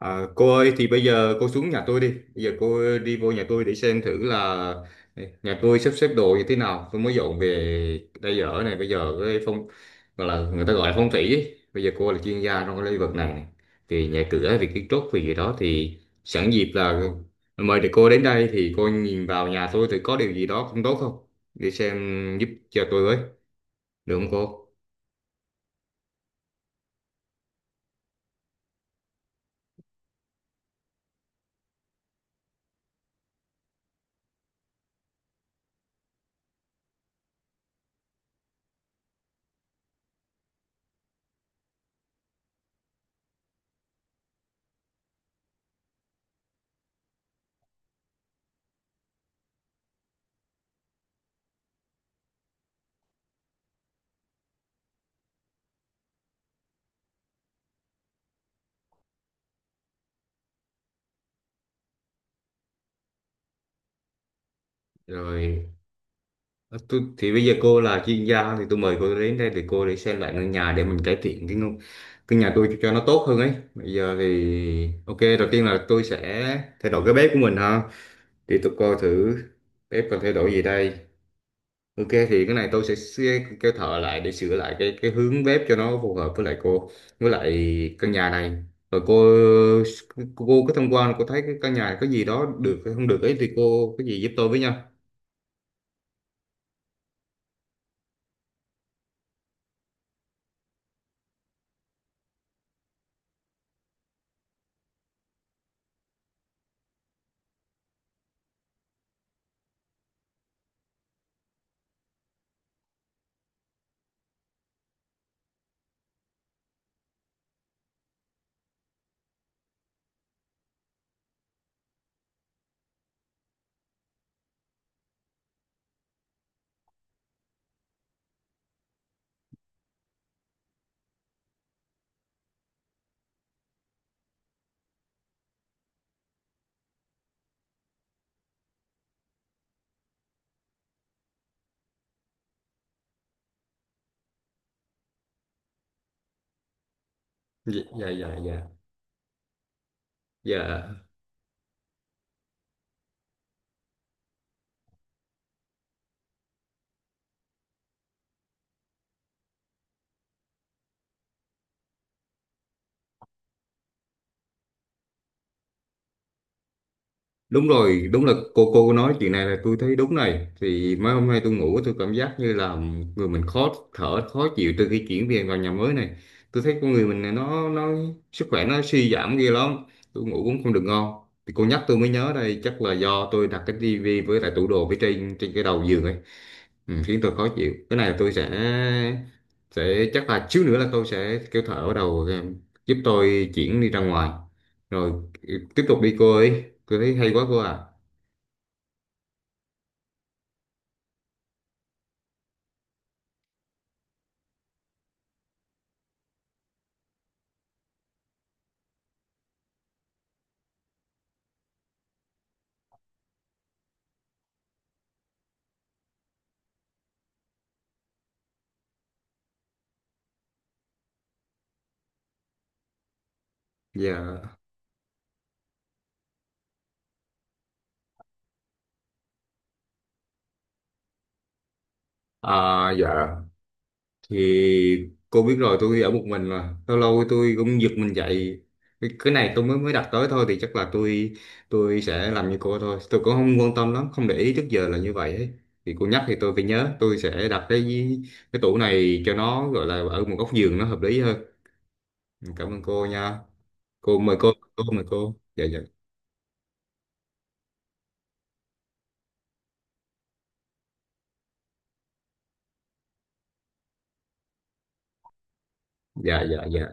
À, cô ơi thì bây giờ cô xuống nhà tôi đi, bây giờ cô đi vô nhà tôi để xem thử là nhà tôi sắp xếp đồ như thế nào. Tôi mới dọn về đây ở này. Bây giờ cái phong gọi là người ta gọi là phong thủy ấy. Bây giờ cô là chuyên gia trong cái lĩnh vực này, thì nhà cửa về kiến trúc về gì đó thì sẵn dịp là mời được cô đến đây, thì cô nhìn vào nhà tôi thì có điều gì đó không tốt không, để xem giúp cho tôi với, được không cô? Rồi. Thì bây giờ cô là chuyên gia thì tôi mời cô đến đây để cô để xem lại ngôi nhà, để mình cải thiện cái cái nhà tôi cho nó tốt hơn ấy. Bây giờ thì ok, đầu tiên là tôi sẽ thay đổi cái bếp của mình ha. Thì tôi coi thử bếp cần thay đổi gì đây. Ok, thì cái này tôi sẽ kêu thợ lại để sửa lại cái hướng bếp cho nó phù hợp với lại cô, với lại căn nhà này. Rồi cô, có tham quan, cô thấy cái căn nhà này có gì đó được hay không được ấy, thì cô có gì giúp tôi với nha. Dạ, dạ, dạ. Dạ. Dạ. Đúng rồi, đúng là cô nói chuyện này là tôi thấy đúng này. Thì mấy hôm nay tôi ngủ tôi cảm giác như là người mình khó thở, khó chịu. Từ khi chuyển về vào nhà mới này tôi thấy con người mình này nó sức khỏe nó suy giảm ghê lắm, tôi ngủ cũng không được ngon. Thì cô nhắc tôi mới nhớ, đây chắc là do tôi đặt cái tivi với lại tủ đồ phía trên, trên cái đầu giường ấy, khiến tôi khó chịu. Cái này tôi sẽ chắc là xíu nữa là tôi sẽ kêu thợ ở đầu, giúp tôi chuyển đi ra ngoài. Rồi, tiếp tục đi cô ơi, cô thấy hay quá cô à. Dạ. À, dạ, thì cô biết rồi, tôi ở một mình là lâu lâu tôi cũng giật mình dậy. Cái này tôi mới mới đặt tới thôi, thì chắc là tôi sẽ làm như cô thôi, tôi cũng không quan tâm lắm, không để ý, trước giờ là như vậy ấy. Thì cô nhắc thì tôi phải nhớ, tôi sẽ đặt cái tủ này cho nó gọi là ở một góc giường nó hợp lý hơn. Cảm ơn cô nha. Cô, mời cô. Cô, mời cô. Dạ, dạ. Dạ, dạ, dạ.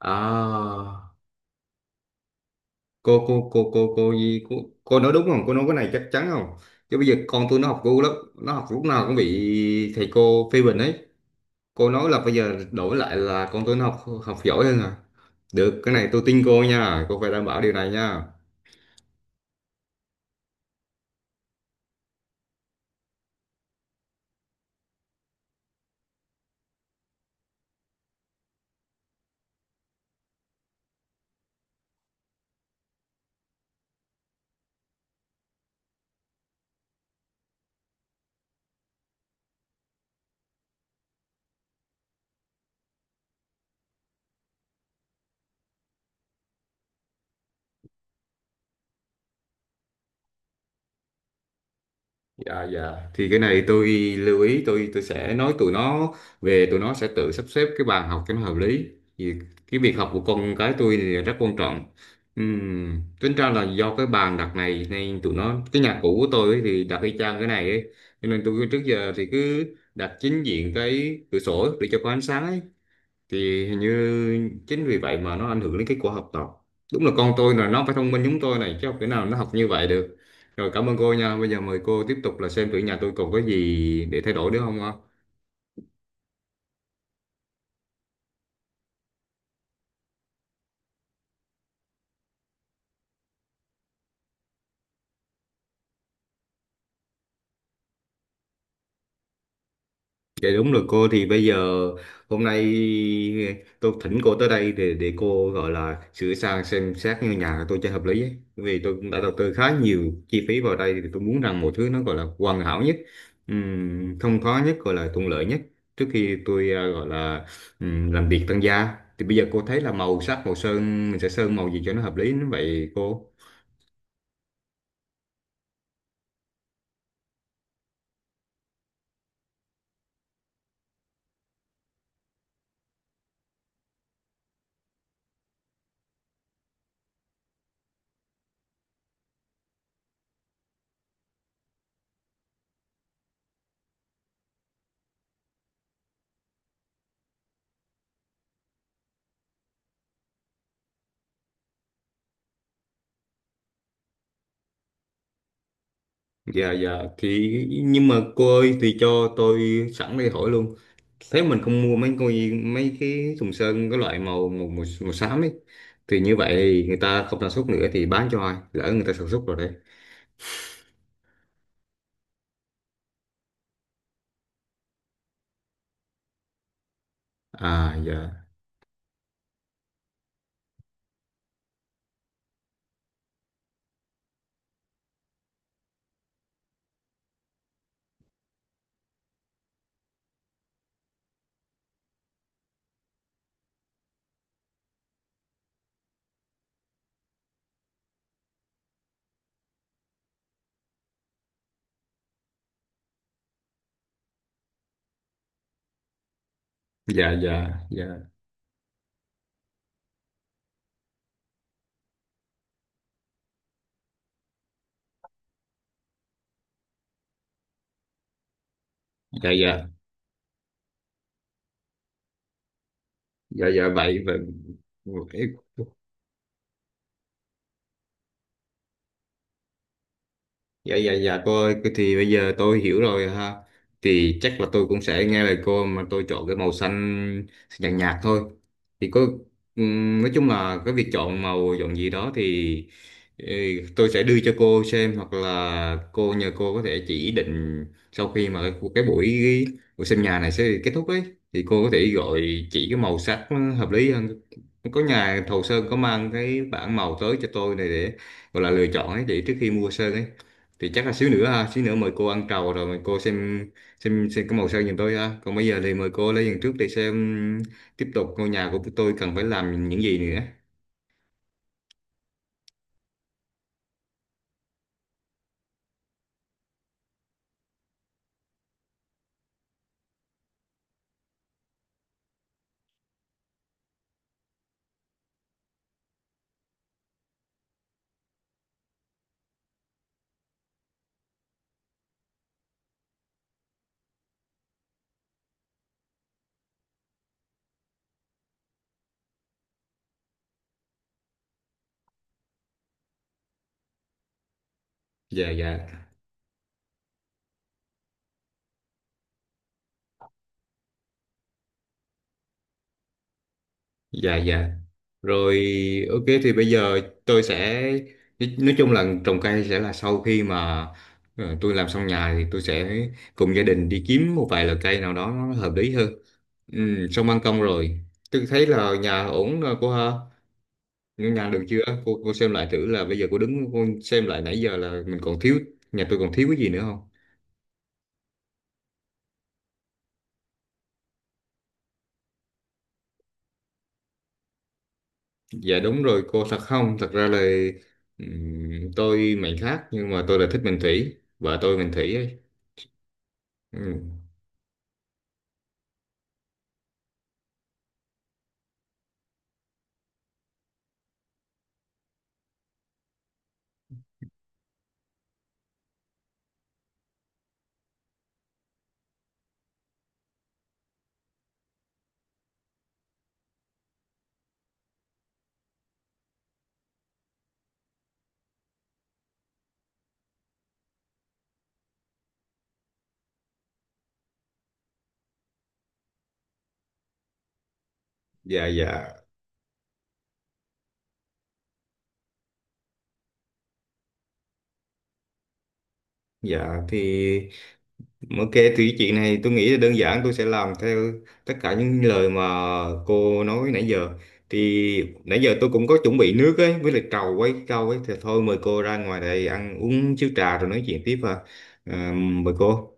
À, cô, cô nói đúng không, cô nói cái này chắc chắn không? Chứ bây giờ con tôi nó học cô lắm, nó học lúc nào cũng bị thầy cô phê bình ấy. Cô nói là bây giờ đổi lại là con tôi nó học học giỏi hơn à? Được, cái này tôi tin cô nha, cô phải đảm bảo điều này nha. Dạ, dạ, thì cái này tôi lưu ý, tôi sẽ nói tụi nó, về tụi nó sẽ tự sắp xếp cái bàn học cho nó hợp lý, vì cái việc học của con cái tôi thì rất quan trọng. Ừm, tính ra là do cái bàn đặt này nên tụi nó, cái nhà cũ của tôi ấy thì đặt y chang cái này ấy, cho nên tôi trước giờ thì cứ đặt chính diện cái cửa sổ để cho có ánh sáng ấy, thì hình như chính vì vậy mà nó ảnh hưởng đến kết quả học tập. Đúng là con tôi là nó phải thông minh giống tôi này, chứ không thể nào nó học như vậy được. Rồi, cảm ơn cô nha, bây giờ mời cô tiếp tục là xem thử nhà tôi còn có gì để thay đổi nữa không ạ. Dạ đúng rồi cô, thì bây giờ hôm nay tôi thỉnh cô tới đây để cô gọi là sửa sang xem xét ngôi nhà của tôi cho hợp lý ấy. Vì tôi cũng đã đầu tư khá nhiều chi phí vào đây thì tôi muốn rằng một thứ nó gọi là hoàn hảo nhất, không, khó nhất, gọi là thuận lợi nhất, trước khi tôi gọi là làm việc tăng gia. Thì bây giờ cô thấy là màu sắc, màu sơn mình sẽ sơn màu gì cho nó hợp lý như vậy cô? Dạ, dạ, thì nhưng mà cô ơi, thì cho tôi sẵn đây hỏi luôn. Thế mình không mua mấy coi, mấy cái thùng sơn cái loại màu xám ấy. Thì như vậy thì người ta không sản xuất nữa thì bán cho ai? Lỡ người ta sản xuất rồi đấy. À, dạ. Dạ, dạ, dạ. Dạ, dạ, dạ, dạ, vậy vậy. Dạ, dạ, dạ, cô ơi, cái thì bây giờ tôi hiểu rồi ha. Thì chắc là tôi cũng sẽ nghe lời cô mà tôi chọn cái màu xanh nhạt nhạt thôi. Thì có, nói chung là cái việc chọn màu chọn gì đó thì, ừ, tôi sẽ đưa cho cô xem, hoặc là cô nhờ cô có thể chỉ định sau khi mà cái buổi, xem nhà này sẽ kết thúc ấy, thì cô có thể gọi, chỉ cái màu sắc nó hợp lý hơn. Có nhà thầu sơn có mang cái bảng màu tới cho tôi này, để gọi là lựa chọn ấy, để trước khi mua sơn ấy. Thì chắc là xíu nữa ha, xíu nữa mời cô ăn trầu rồi mời cô xem cái màu sơn giùm tôi ha. Còn bây giờ thì mời cô lấy giường trước để xem tiếp tục ngôi nhà của tôi cần phải làm những gì nữa. Dạ, dạ, dạ. Dạ. Rồi, ok, thì bây giờ tôi sẽ, nói chung là trồng cây sẽ là sau khi mà tôi làm xong nhà thì tôi sẽ cùng gia đình đi kiếm một vài loại cây nào đó nó hợp lý hơn. Xong ban công rồi, tôi thấy là nhà ổn rồi cô ha. Ngân hàng được chưa? Cô xem lại thử, là bây giờ cô đứng cô xem lại nãy giờ là mình còn thiếu, nhà tôi còn thiếu cái gì nữa không? Dạ đúng rồi cô. Thật không? Thật ra là, tôi mệnh khác, nhưng mà tôi là thích mệnh thủy, vợ tôi mệnh thủy ấy. Ừm. Dạ, dạ, dạ, thì ok, thì cái chuyện này tôi nghĩ là đơn giản, tôi sẽ làm theo tất cả những lời mà cô nói nãy giờ. Thì nãy giờ tôi cũng có chuẩn bị nước ấy, với lại trầu ấy, câu ấy, thì thôi mời cô ra ngoài đây ăn uống chiếu trà rồi nói chuyện tiếp à. À, mời cô.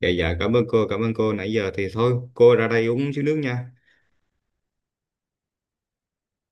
Dạ, dạ, cảm ơn cô nãy giờ, thì thôi cô ra đây uống xíu nước nha.